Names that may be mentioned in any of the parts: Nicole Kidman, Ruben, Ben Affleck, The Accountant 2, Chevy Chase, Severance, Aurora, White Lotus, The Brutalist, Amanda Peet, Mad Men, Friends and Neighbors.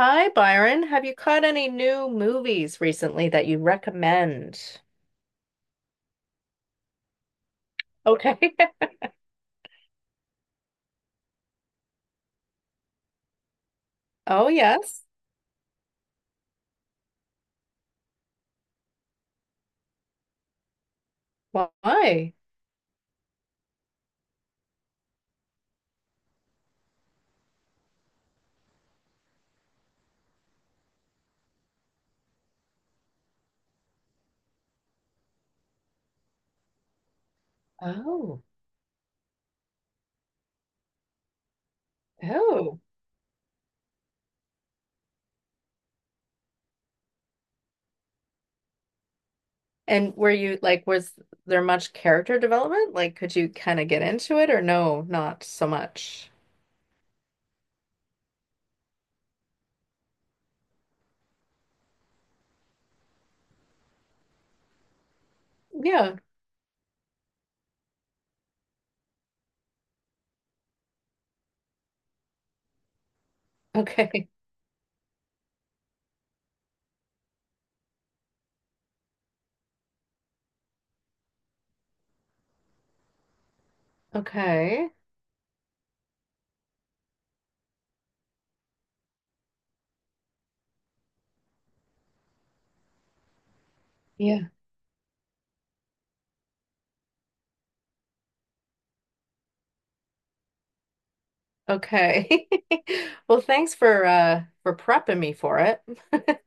Hi, Byron. Have you caught any new movies recently that you recommend? Okay. Oh, yes. Why? Oh, oh. And were you like, was there much character development? Like, could you kind of get into it or no, not so much? Yeah. Okay. Okay. Yeah. Okay. Well, thanks for prepping me for it.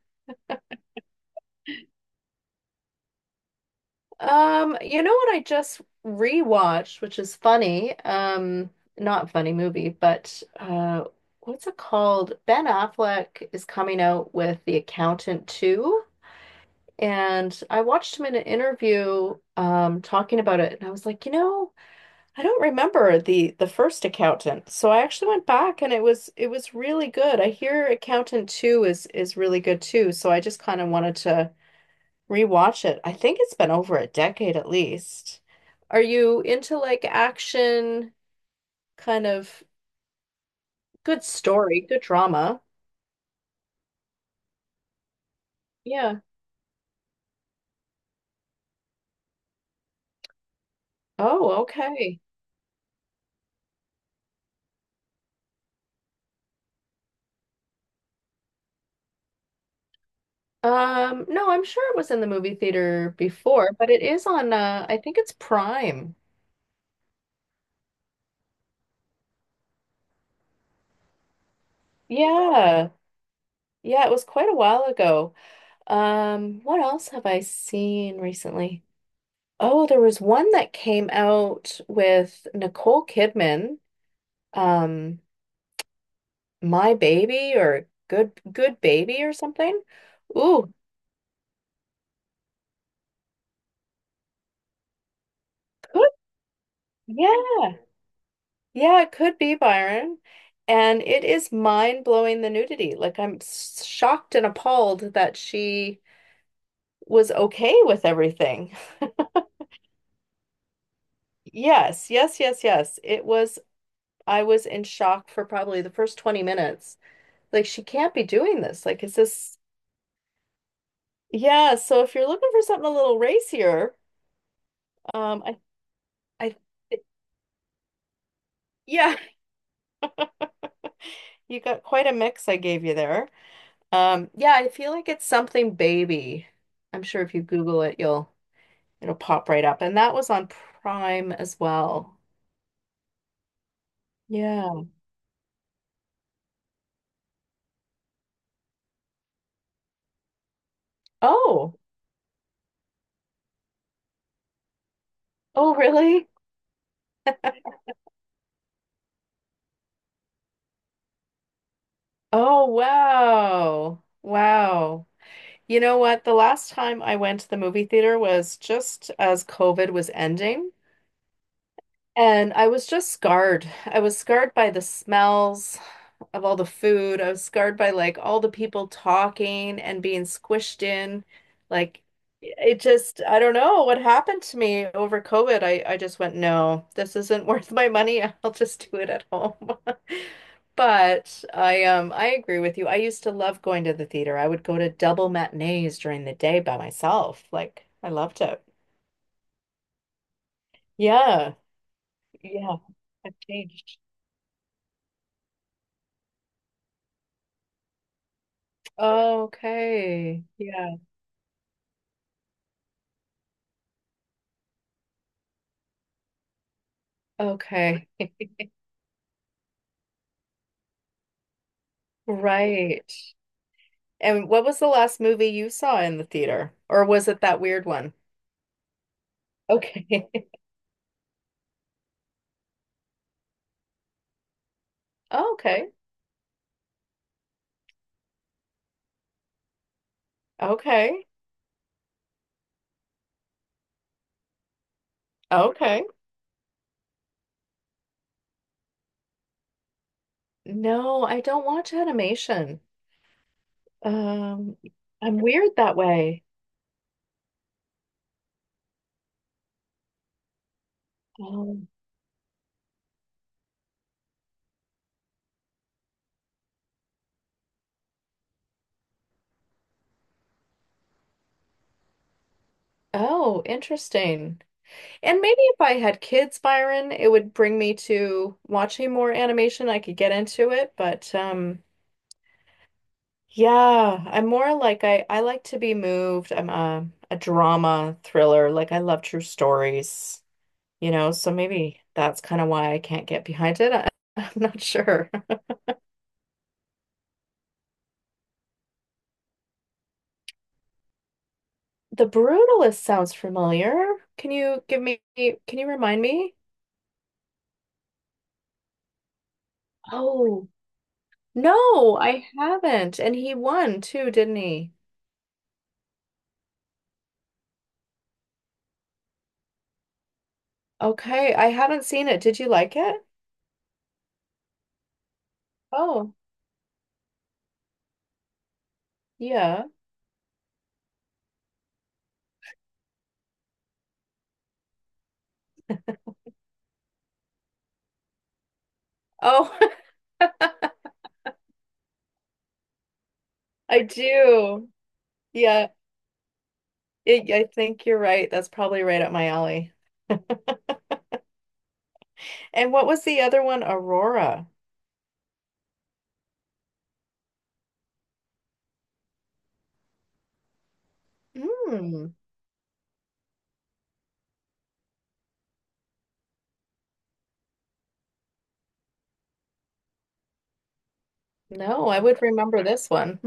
You know what I just rewatched, which is funny. Not funny movie, but what's it called? Ben Affleck is coming out with The Accountant 2, and I watched him in an interview talking about it, and I was like, you know, I don't remember the first Accountant. So I actually went back and it was really good. I hear Accountant 2 is really good too, so I just kind of wanted to rewatch it. I think it's been over a decade at least. Are you into like action, kind of good story, good drama? Yeah. Oh, okay. No, I'm sure it was in the movie theater before, but it is on I think it's Prime. Yeah. Yeah, it was quite a while ago. What else have I seen recently? Oh, there was one that came out with Nicole Kidman. Um, My Baby or Good Good Baby or something. Ooh, could yeah. Yeah, it could be Byron. And it is mind-blowing the nudity. Like I'm shocked and appalled that she was okay with everything. Yes, yes, yes, yes. It was I was in shock for probably the first 20 minutes. Like she can't be doing this. Like is this. Yeah, so if you're looking for something a little racier, um I I yeah, you got quite a mix I gave you there. Yeah, I feel like it's something baby. I'm sure if you Google it, you'll it'll pop right up. And that was on Prime as well. Yeah. Oh, oh, really? Oh, wow. Wow. You know what? The last time I went to the movie theater was just as COVID was ending, and I was just scarred. I was scarred by the smells of all the food. I was scarred by like all the people talking and being squished in. Like it just, I don't know what happened to me over COVID. I just went, no, this isn't worth my money. I'll just do it at home. But I agree with you. I used to love going to the theater. I would go to double matinees during the day by myself. Like I loved it. Yeah. Yeah. I've changed. Okay. Yeah. Okay. Right. And what was the last movie you saw in the theater? Or was it that weird one? Okay. Okay. Okay. Okay. No, I don't watch animation. Um, I'm weird that way. Um, oh, interesting. And maybe if I had kids, Byron, it would bring me to watching more animation. I could get into it, but yeah, I'm more like I like to be moved. I'm a drama thriller. Like I love true stories. You know, so maybe that's kind of why I can't get behind it. I, I'm not sure. The Brutalist sounds familiar. Can you remind me? Oh, no, I haven't. And he won too, didn't he? Okay, I haven't seen it. Did you like it? Oh, yeah. Oh, I do. Yeah, I think you're right. That's probably right up my alley. And what was the other one? Aurora. Hmm. No, I would remember this one.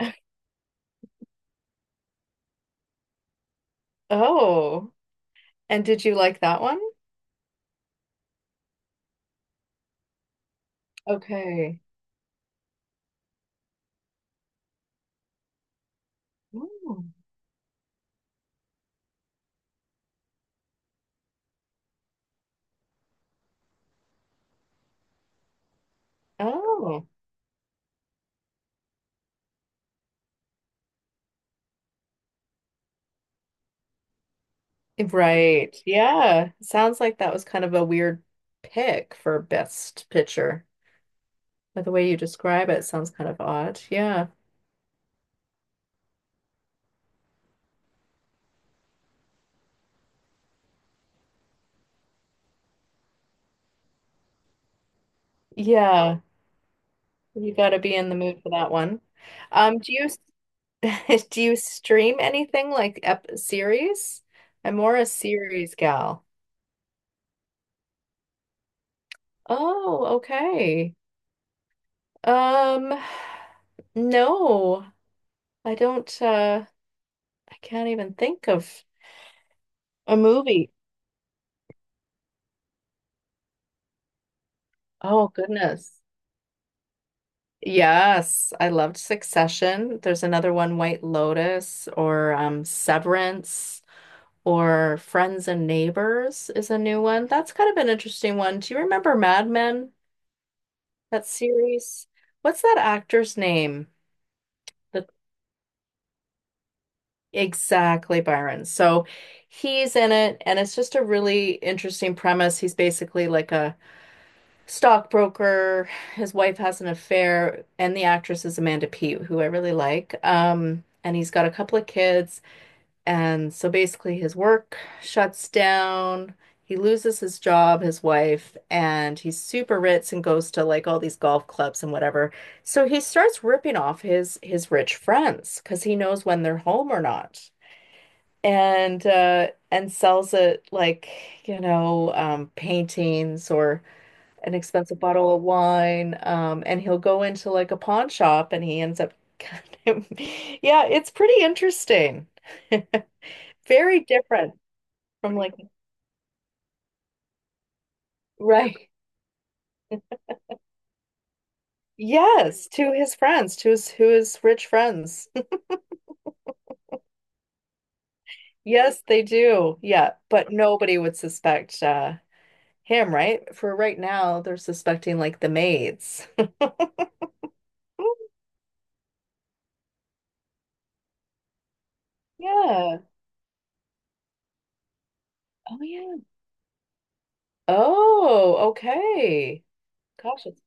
Oh, and did you like that one? Okay. Oh, oh, right. Yeah. Sounds like that was kind of a weird pick for best picture. By the way you describe it, sounds kind of odd. Yeah. Yeah. You got to be in the mood for that one. Do you do you stream anything like ep series? I'm more a series gal. Oh, okay. Um, no, I don't. I can't even think of a movie. Oh, goodness. Yes, I loved Succession. There's another one, White Lotus, or Severance, or Friends and Neighbors is a new one. That's kind of an interesting one. Do you remember Mad Men, that series? What's that actor's name? The Exactly, Byron. So he's in it, and it's just a really interesting premise. He's basically like a stockbroker. His wife has an affair, and the actress is Amanda Peet, who I really like. And he's got a couple of kids, and so basically his work shuts down. He loses his job, his wife, and he's super rich and goes to like all these golf clubs and whatever. So he starts ripping off his rich friends because he knows when they're home or not. And sells it like, you know, paintings or an expensive bottle of wine, and he'll go into like a pawn shop and he ends up yeah, it's pretty interesting. Very different from like right. Yes, to his friends, to his who his rich friends. Yes, they do. Yeah, but nobody would suspect him, right? For right now, they're suspecting like the maids. Oh, yeah. Oh yeah. Oh, okay. Gosh, it's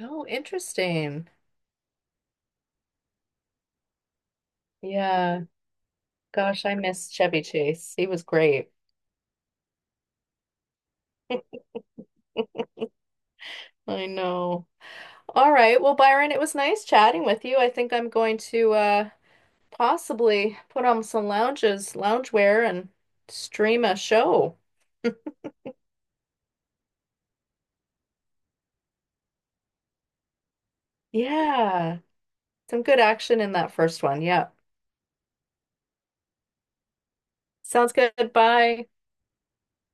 oh interesting. Yeah. Gosh, I miss Chevy Chase. He was great. I know. All right. Well, Byron, it was nice chatting with you. I think I'm going to possibly put on some loungewear and stream a show. Yeah. Some good action in that first one. Yeah. Sounds good. Bye.